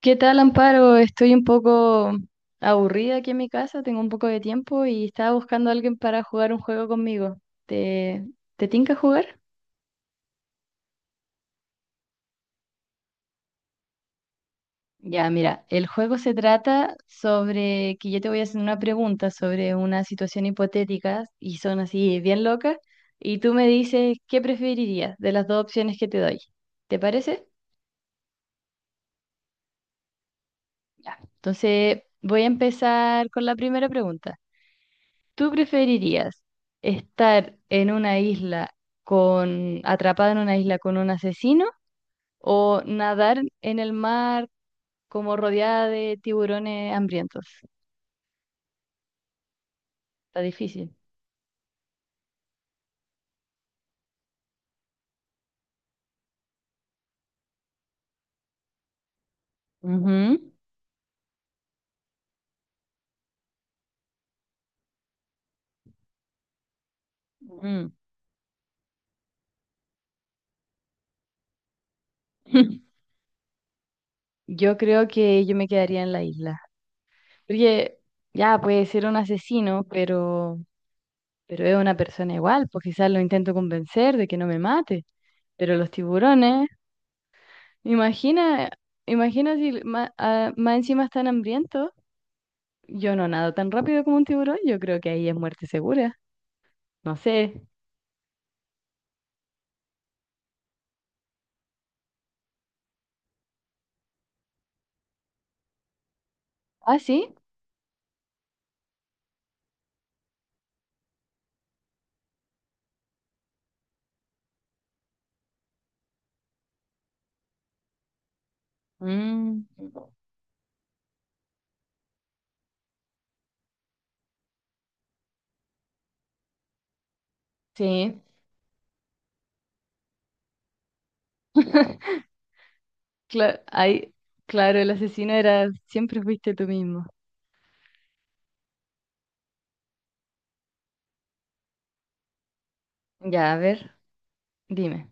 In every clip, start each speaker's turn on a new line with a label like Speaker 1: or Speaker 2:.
Speaker 1: ¿Qué tal, Amparo? Estoy un poco aburrida aquí en mi casa, tengo un poco de tiempo y estaba buscando a alguien para jugar un juego conmigo. ¿Te, te tinca jugar? Ya, mira, el juego se trata sobre que yo te voy a hacer una pregunta sobre una situación hipotética y son así bien locas y tú me dices qué preferirías de las dos opciones que te doy. ¿Te parece? Ya. Entonces voy a empezar con la primera pregunta. ¿Tú preferirías estar en una isla con, atrapada en una isla con un asesino o nadar en el mar como rodeada de tiburones hambrientos? Está difícil. Ujú, ujú. Yo creo que yo me quedaría en la isla. Porque ya puede ser un asesino, pero es una persona igual, pues quizás lo intento convencer de que no me mate. Pero los tiburones. Imagina, imagina si ma- ah, más encima están hambrientos. Yo no nado tan rápido como un tiburón, yo creo que ahí es muerte segura. No sé. Ah, sí. Mm, sí. Claro. Ahí, claro, el asesino era, siempre fuiste tú mismo. Ya, a ver, dime.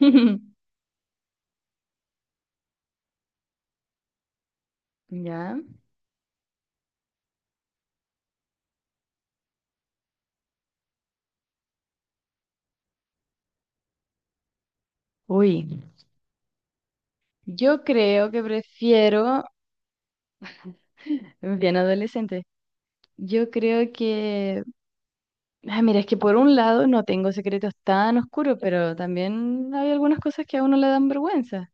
Speaker 1: Ya. Uy, yo creo que prefiero, bien adolescente, yo creo que... Ah, mira, es que por un lado no tengo secretos tan oscuros, pero también hay algunas cosas que a uno le dan vergüenza.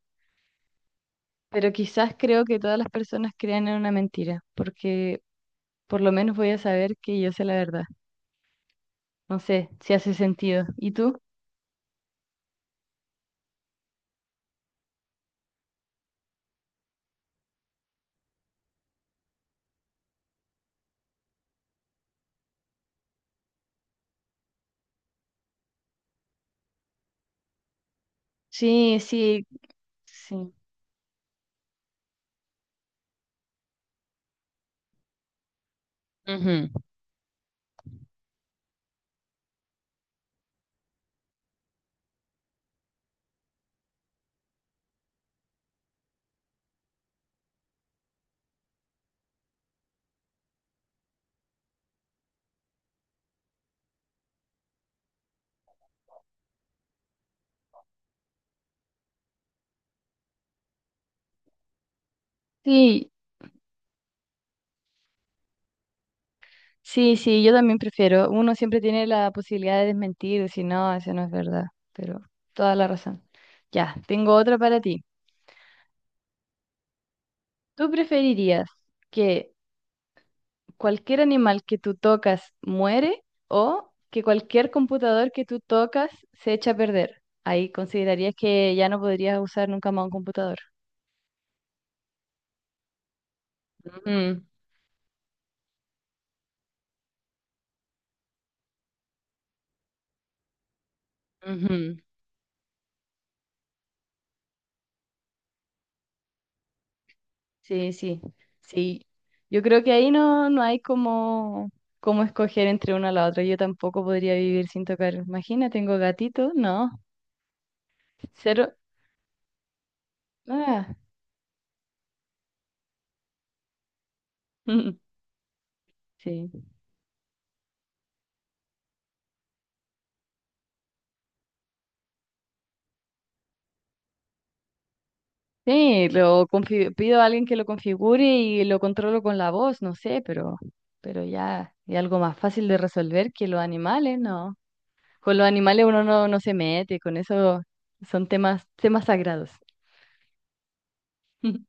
Speaker 1: Pero quizás creo que todas las personas crean en una mentira, porque por lo menos voy a saber que yo sé la verdad. No sé si hace sentido. ¿Y tú? Sí, sí, sí. Ujú. Sí, sí, sí, yo también prefiero. Uno siempre tiene la posibilidad de desmentir, decir, no, eso no es verdad, pero toda la razón. Ya, tengo otra para ti. ¿Tú preferirías que cualquier animal que tú tocas muere o que cualquier computador que tú tocas se echa a perder? Ahí considerarías que ya no podrías usar nunca más un computador. Ujú, ujú. Sí, sí, sí. Yo creo que ahí no, como escoger entre una a la otra. Yo tampoco podría vivir sin tocar. Imagina, tengo gatito, no. Cero. Ah. Sí. Sí, lo pido a alguien que lo configure y lo controlo con la voz, no sé, pero ya es algo más fácil de resolver que los animales, ¿no? Con los animales uno no, no se mete, con eso son temas sagrados.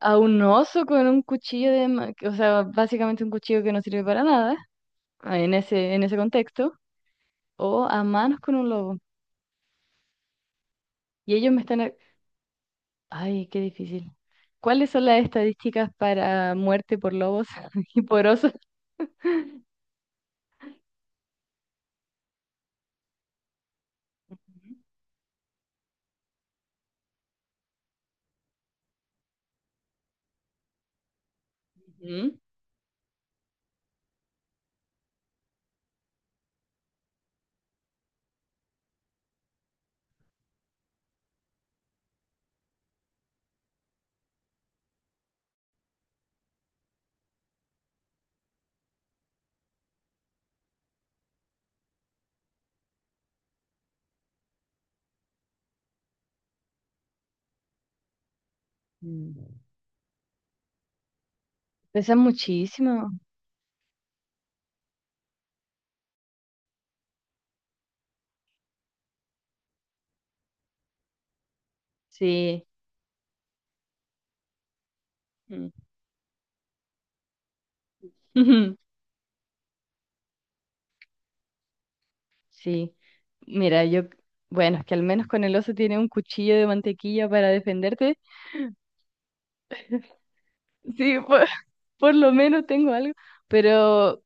Speaker 1: A un oso con un cuchillo o sea, básicamente un cuchillo que no sirve para nada, ah, en ese contexto, o a manos con un lobo. Y ellos me están... a-. Ay, qué difícil. ¿Cuáles son las estadísticas para muerte por lobos y por osos? Ujú. Mm. Pesa muchísimo. Sí. Ujú. Sí, mira, yo, bueno, es que al menos con el oso tiene un cuchillo de mantequilla para defenderte. Sí, por, por lo menos tengo algo, pero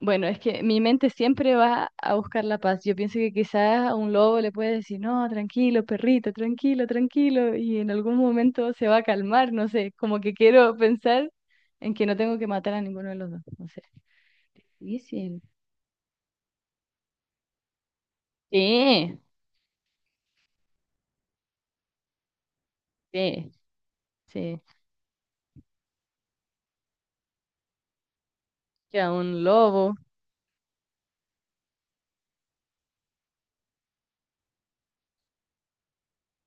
Speaker 1: bueno, es que mi mente siempre va a buscar la paz. Yo pienso que quizás a un lobo le puede decir, no, tranquilo, perrito, tranquilo, tranquilo, y en algún momento se va a calmar, no sé, como que quiero pensar en que no tengo que matar a ninguno de los dos, no sé. Difícil. Sí, sí, sí. Queda un lobo.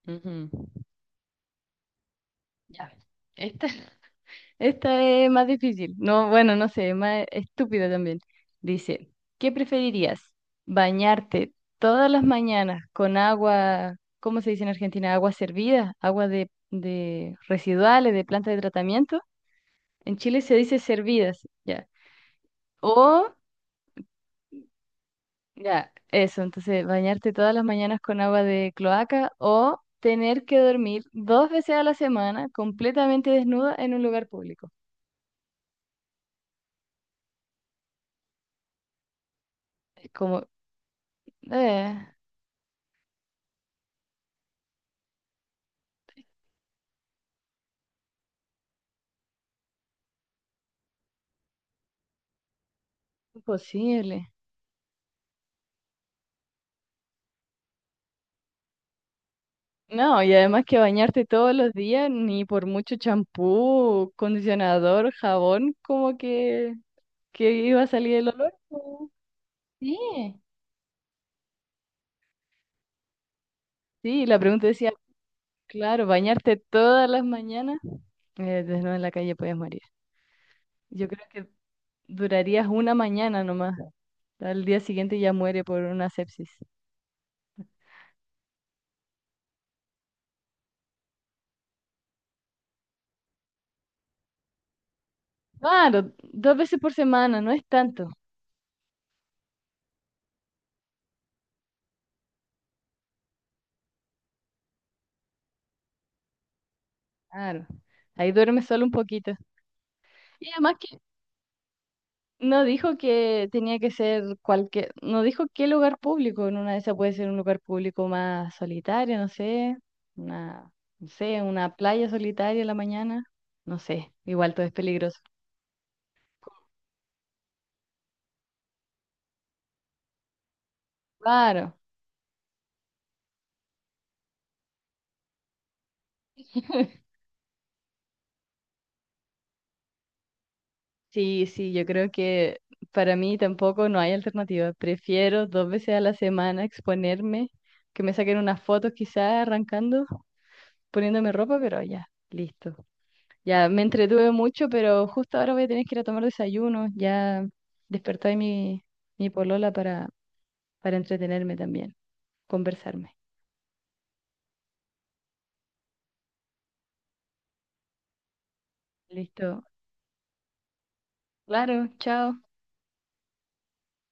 Speaker 1: Ujú. Ya ves. Esta, esta es más difícil. No, bueno, no sé, es más estúpida también. Dice, ¿qué preferirías? ¿Bañarte todas las mañanas con agua? ¿Cómo se dice en Argentina? Agua servida, agua de residuales, de planta de tratamiento. En Chile se dice servidas, ya. O... Ya, eso, entonces bañarte todas las mañanas con agua de cloaca o tener que dormir 2 veces a la semana completamente desnuda en un lugar público. Es como, eh, imposible. No, y además que bañarte todos los días, ni por mucho champú, condicionador, jabón, como que iba a salir el olor. Po. Sí, sí, la pregunta decía, claro, bañarte todas las mañanas, desnuda en la calle podías morir. Yo creo que... Durarías una mañana nomás. Al día siguiente ya muere por una sepsis. Claro, 2 veces por semana, no es tanto. Claro. Ahí duerme solo un poquito. Y además que no dijo que tenía que ser cualquier, no dijo qué lugar público. En una de esas puede ser un lugar público más solitario, no sé, una, no sé, una playa solitaria en la mañana. No sé, igual todo es peligroso. Claro. Sí, sí, yo creo que para mí tampoco no hay alternativa. Prefiero 2 veces a la semana exponerme, que me saquen unas fotos quizás arrancando, poniéndome ropa, pero ya, listo. Ya me entretuve mucho, pero justo ahora voy a tener que ir a tomar desayuno. Ya despertó ahí mi, mi polola para entretenerme también, conversarme. Listo. Claro, chao.